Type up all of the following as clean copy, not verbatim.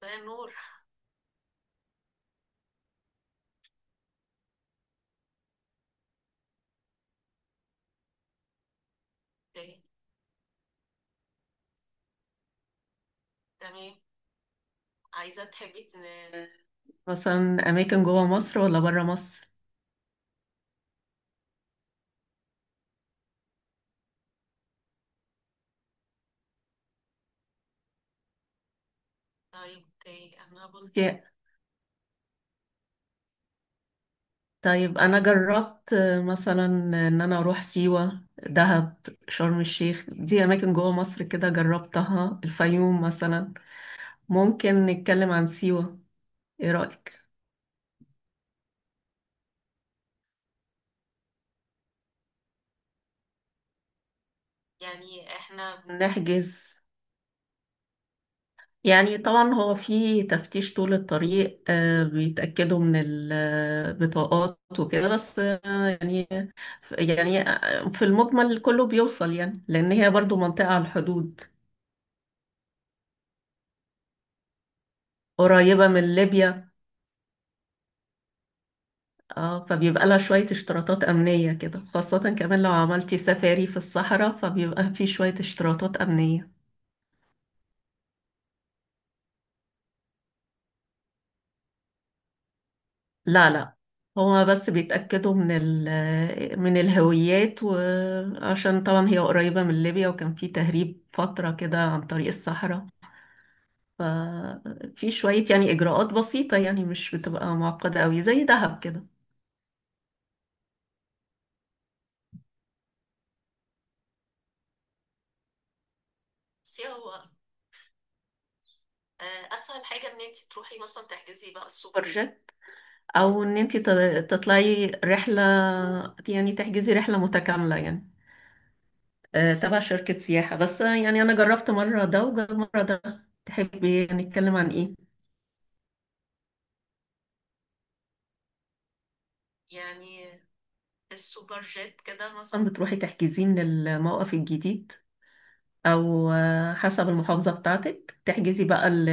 ده نور. اوكي، تمام. عايزة تحبي مثلا اماكن جوه مصر ولا بره مصر؟ طيب اوكي، انا بقول اوكي. طيب انا جربت، مثلا، ان انا اروح سيوة، دهب، شرم الشيخ. دي اماكن جوه مصر كده جربتها، الفيوم مثلا. ممكن نتكلم عن سيوة، ايه رأيك؟ يعني احنا نحجز، يعني طبعا هو في تفتيش طول الطريق، بيتأكدوا من البطاقات وكده، بس يعني في المجمل كله بيوصل يعني، لأن هي برضو منطقة على الحدود قريبة من ليبيا. فبيبقى لها شوية اشتراطات أمنية كده، خاصة كمان لو عملتي سفاري في الصحراء فبيبقى في شوية اشتراطات أمنية. لا لا، هو بس بيتأكدوا من من الهويات، وعشان طبعا هي قريبة من ليبيا وكان في تهريب فترة كده عن طريق الصحراء. ففي شوية يعني إجراءات بسيطة، يعني مش بتبقى معقدة أوي زي دهب كده. بصي، هو اسهل حاجه ان انت تروحي مثلا تحجزي بقى السوبر جيت، او ان انت تطلعي رحله، يعني تحجزي رحله متكامله يعني، تبع شركة سياحة. بس يعني أنا جربت مرة ده وجربت مرة ده، تحبي نتكلم عن إيه؟ يعني السوبر جيت كده مثلا بتروحي تحجزين للموقف الجديد، أو حسب المحافظة بتاعتك تحجزي بقى ال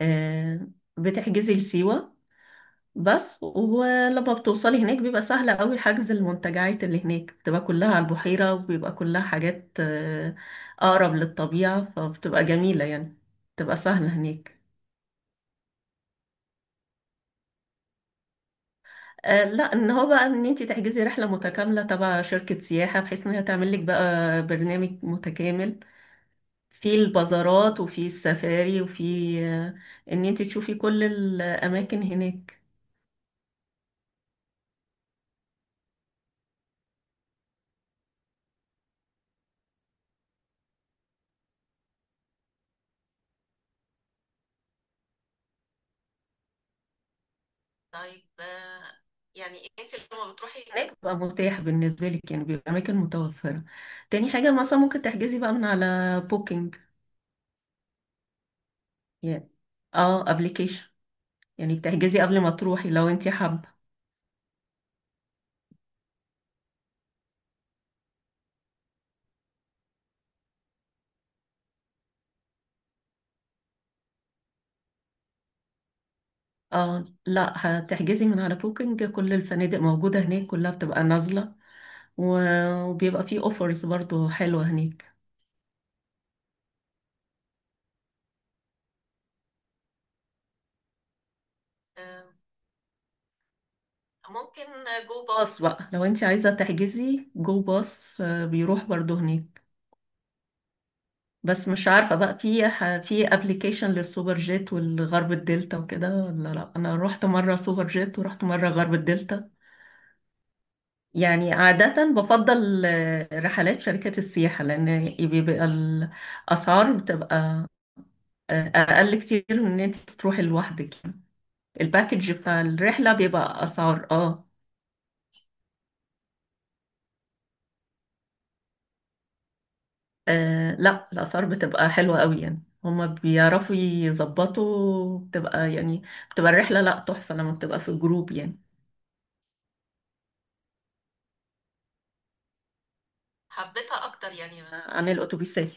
آه، بتحجزي لسيوة بس، ولما بتوصلي هناك بيبقى سهل أوي حجز المنتجعات. اللي هناك بتبقى كلها على البحيرة، وبيبقى كلها حاجات أقرب للطبيعة، فبتبقى جميلة يعني، بتبقى سهلة هناك. لا، ان هو بقى ان انت تحجزي رحله متكامله تبع شركه سياحه، بحيث ان هي تعمل لك بقى برنامج متكامل في البازارات، وفي السفاري، وفي آه، ان انت تشوفي كل الاماكن هناك. هناك بقى متاح بالنسبه لك يعني، بيبقى اماكن متوفره. تاني حاجه مثلا ممكن تحجزي بقى من على بوكينج. يعني اه، ابلكيشن، يعني بتحجزي قبل ما تروحي لو انت حابه. اه لا، هتحجزي من على بوكينج، كل الفنادق موجوده هناك كلها بتبقى نازله، وبيبقى فيه اوفرز برضو حلوة هناك. آه، ممكن جو باص باص بقى، لو انت عايزة تحجزي جو باص بيروح برضو هناك. بس مش عارفة بقى في في ابلكيشن للسوبر جيت والغرب الدلتا وكده ولا لا. انا رحت مرة سوبر جيت، ورحت مرة غرب الدلتا. يعني عادة بفضل رحلات شركات السياحة، لان بيبقى الاسعار بتبقى اقل كتير من ان انت تروحي لوحدك يعني. الباكج بتاع الرحلة بيبقى اسعار، اه. آه لا، الأسعار بتبقى حلوة قوي يعني، هما بيعرفوا يظبطوا، بتبقى يعني، بتبقى الرحلة لا تحفة لما بتبقى في جروب يعني. عن الأتوبيسات.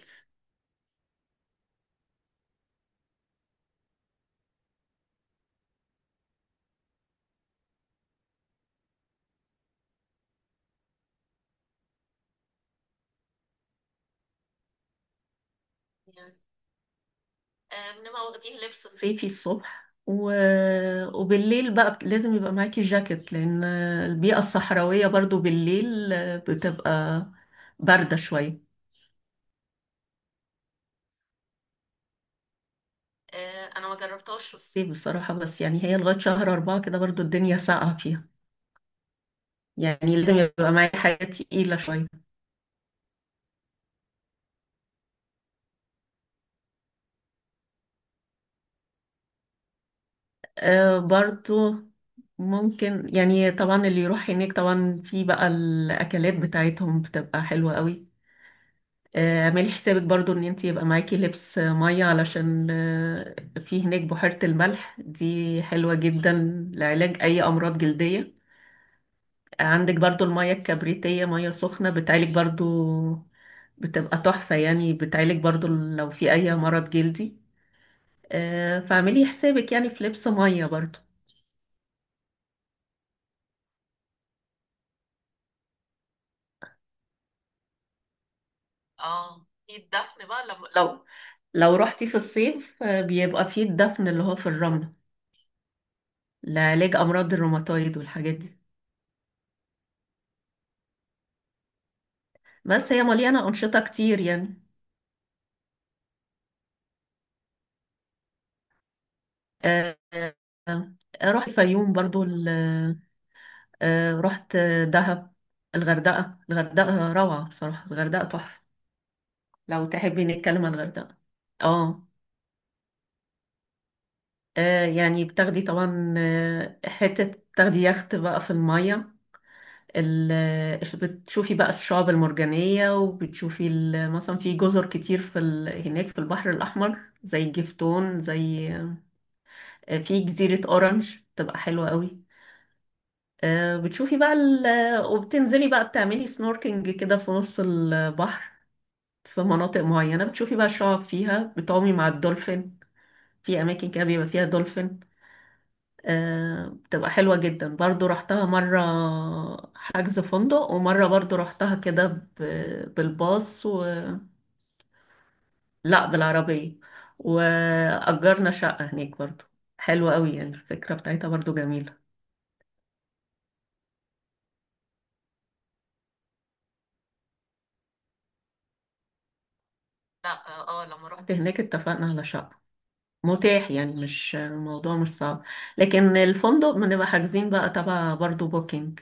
صيفي الصبح، وبالليل بقى لازم يبقى معاكي جاكيت، لأن البيئة الصحراوية برضو بالليل بتبقى باردة شوية. انا ما جربتهاش في الصيف، الصيف بصراحة، بس يعني هي لغاية شهر أربعة كده برضو الدنيا ساقعة فيها. يعني لازم يبقى معايا حاجة تقيلة شوية. برضو ممكن يعني، طبعا اللي يروح هناك طبعا في بقى الأكلات بتاعتهم بتبقى حلوة قوي. اعملي حسابك برضو ان انت يبقى معاكي لبس مية، علشان في هناك بحيرة الملح دي حلوة جدا لعلاج أي أمراض جلدية. عندك برضو المية الكبريتية، مية سخنة بتعالج برضو، بتبقى تحفة يعني، بتعالج برضو لو في أي مرض جلدي. فاعملي حسابك يعني في لبس مية برضو. اه، في الدفن بقى، لو لو رحتي في الصيف بيبقى في الدفن اللي هو في الرمل لعلاج امراض الروماتويد والحاجات دي. بس هي مليانه انشطه كتير يعني. آه، آه، آه، رحت الفيوم برضو، رحت دهب، الغردقه. الغردقه روعه بصراحه، الغردقه تحفه. لو تحبي نتكلم عن الغردقه. اه، يعني بتاخدي طبعا حته، تاخدي يخت بقى في الميه، بتشوفي بقى الشعاب المرجانية، وبتشوفي مثلا في جزر كتير في هناك في البحر الأحمر زي جفتون، زي في جزيرة أورنج، تبقى حلوة قوي. آه، بتشوفي بقى ال... وبتنزلي بقى بتعملي سنوركينج كده في نص البحر، في مناطق معينة بتشوفي بقى الشعاب فيها، بتعومي مع الدولفين. في أماكن كده بيبقى فيها دولفين. بتبقى حلوة جدا برضو. رحتها مرة حجز فندق، ومرة برضو رحتها كده بالباص لا بالعربية، وأجرنا شقة هناك برضو. حلوة قوي يعني، الفكرة بتاعتها برضو جميلة. لا. اه، لما رحت هناك اتفقنا على شقة، متاح يعني، مش الموضوع مش صعب. لكن الفندق بنبقى حاجزين بقى تبع برضو بوكينج.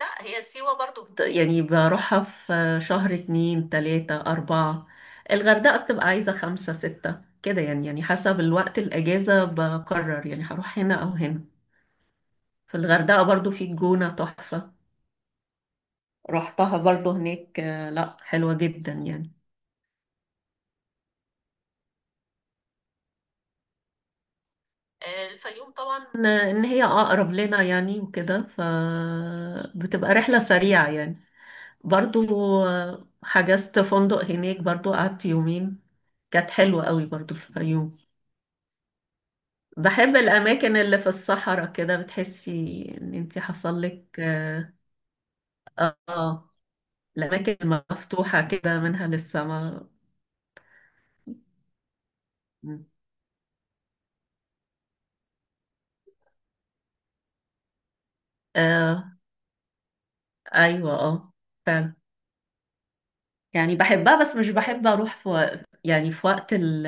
لا، هي سيوة برضو يعني بروحها في شهر اتنين، تلاتة، أربعة. الغردقة بتبقى عايزة خمسة، ستة كده يعني. يعني حسب الوقت، الأجازة، بقرر يعني هروح هنا أو هنا. في الغردقة برضو، في الجونة تحفة، رحتها برضو هناك. لا حلوة جدا يعني. الفيوم طبعا إن هي أقرب لنا يعني وكده، فبتبقى رحلة سريعة يعني. برضو حجزت فندق هناك برضو، قعدت يومين. كانت حلوة قوي برضو، في الفيوم. بحب الأماكن اللي في الصحراء كده، بتحسي إن انتي حصل لك آه. آه، الأماكن المفتوحة كده منها للسماء. آه أيوة، آه، فعلا. يعني بحبها، بس مش بحب أروح في يعني في وقت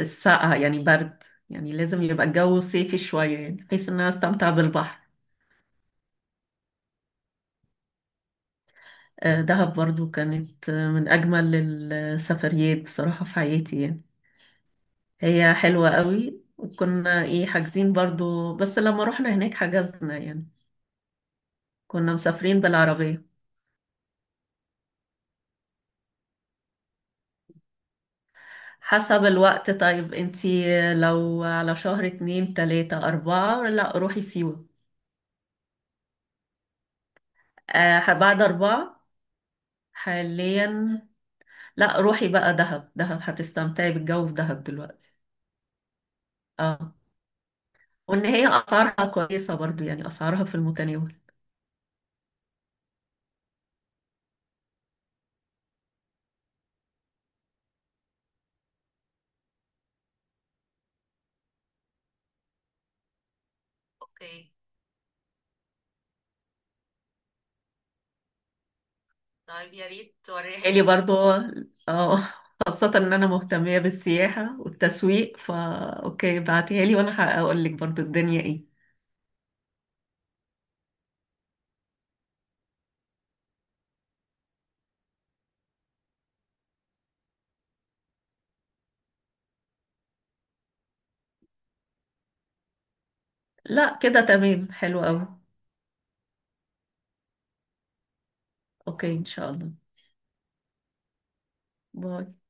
السقعة يعني، برد. يعني لازم يبقى الجو صيفي شوية، يعني بحيث إن أنا أستمتع بالبحر. آه دهب برضو كانت من أجمل السفريات بصراحة في حياتي يعني. هي حلوة قوي، وكنا ايه، حاجزين برضو، بس لما رحنا هناك حجزنا يعني. كنا مسافرين بالعربية. حسب الوقت. طيب انتي، لو على شهر اتنين، تلاتة، أربعة، لا روحي سيوة. آه، بعد أربعة، حاليا، لا روحي بقى دهب، دهب هتستمتعي بالجو في دهب دلوقتي. اه، وإن هي أسعارها كويسة برضو، يعني أسعارها في المتناول. اوكي. طيب يا ريت توريها لي برضو، اه، خاصة ان انا مهتمية بالسياحة والتسويق، فا اوكي بعتيها لي، وانا هقول لك برضو الدنيا ايه. لا كده تمام، حلو قوي. اوكي، ان شاء الله. باي.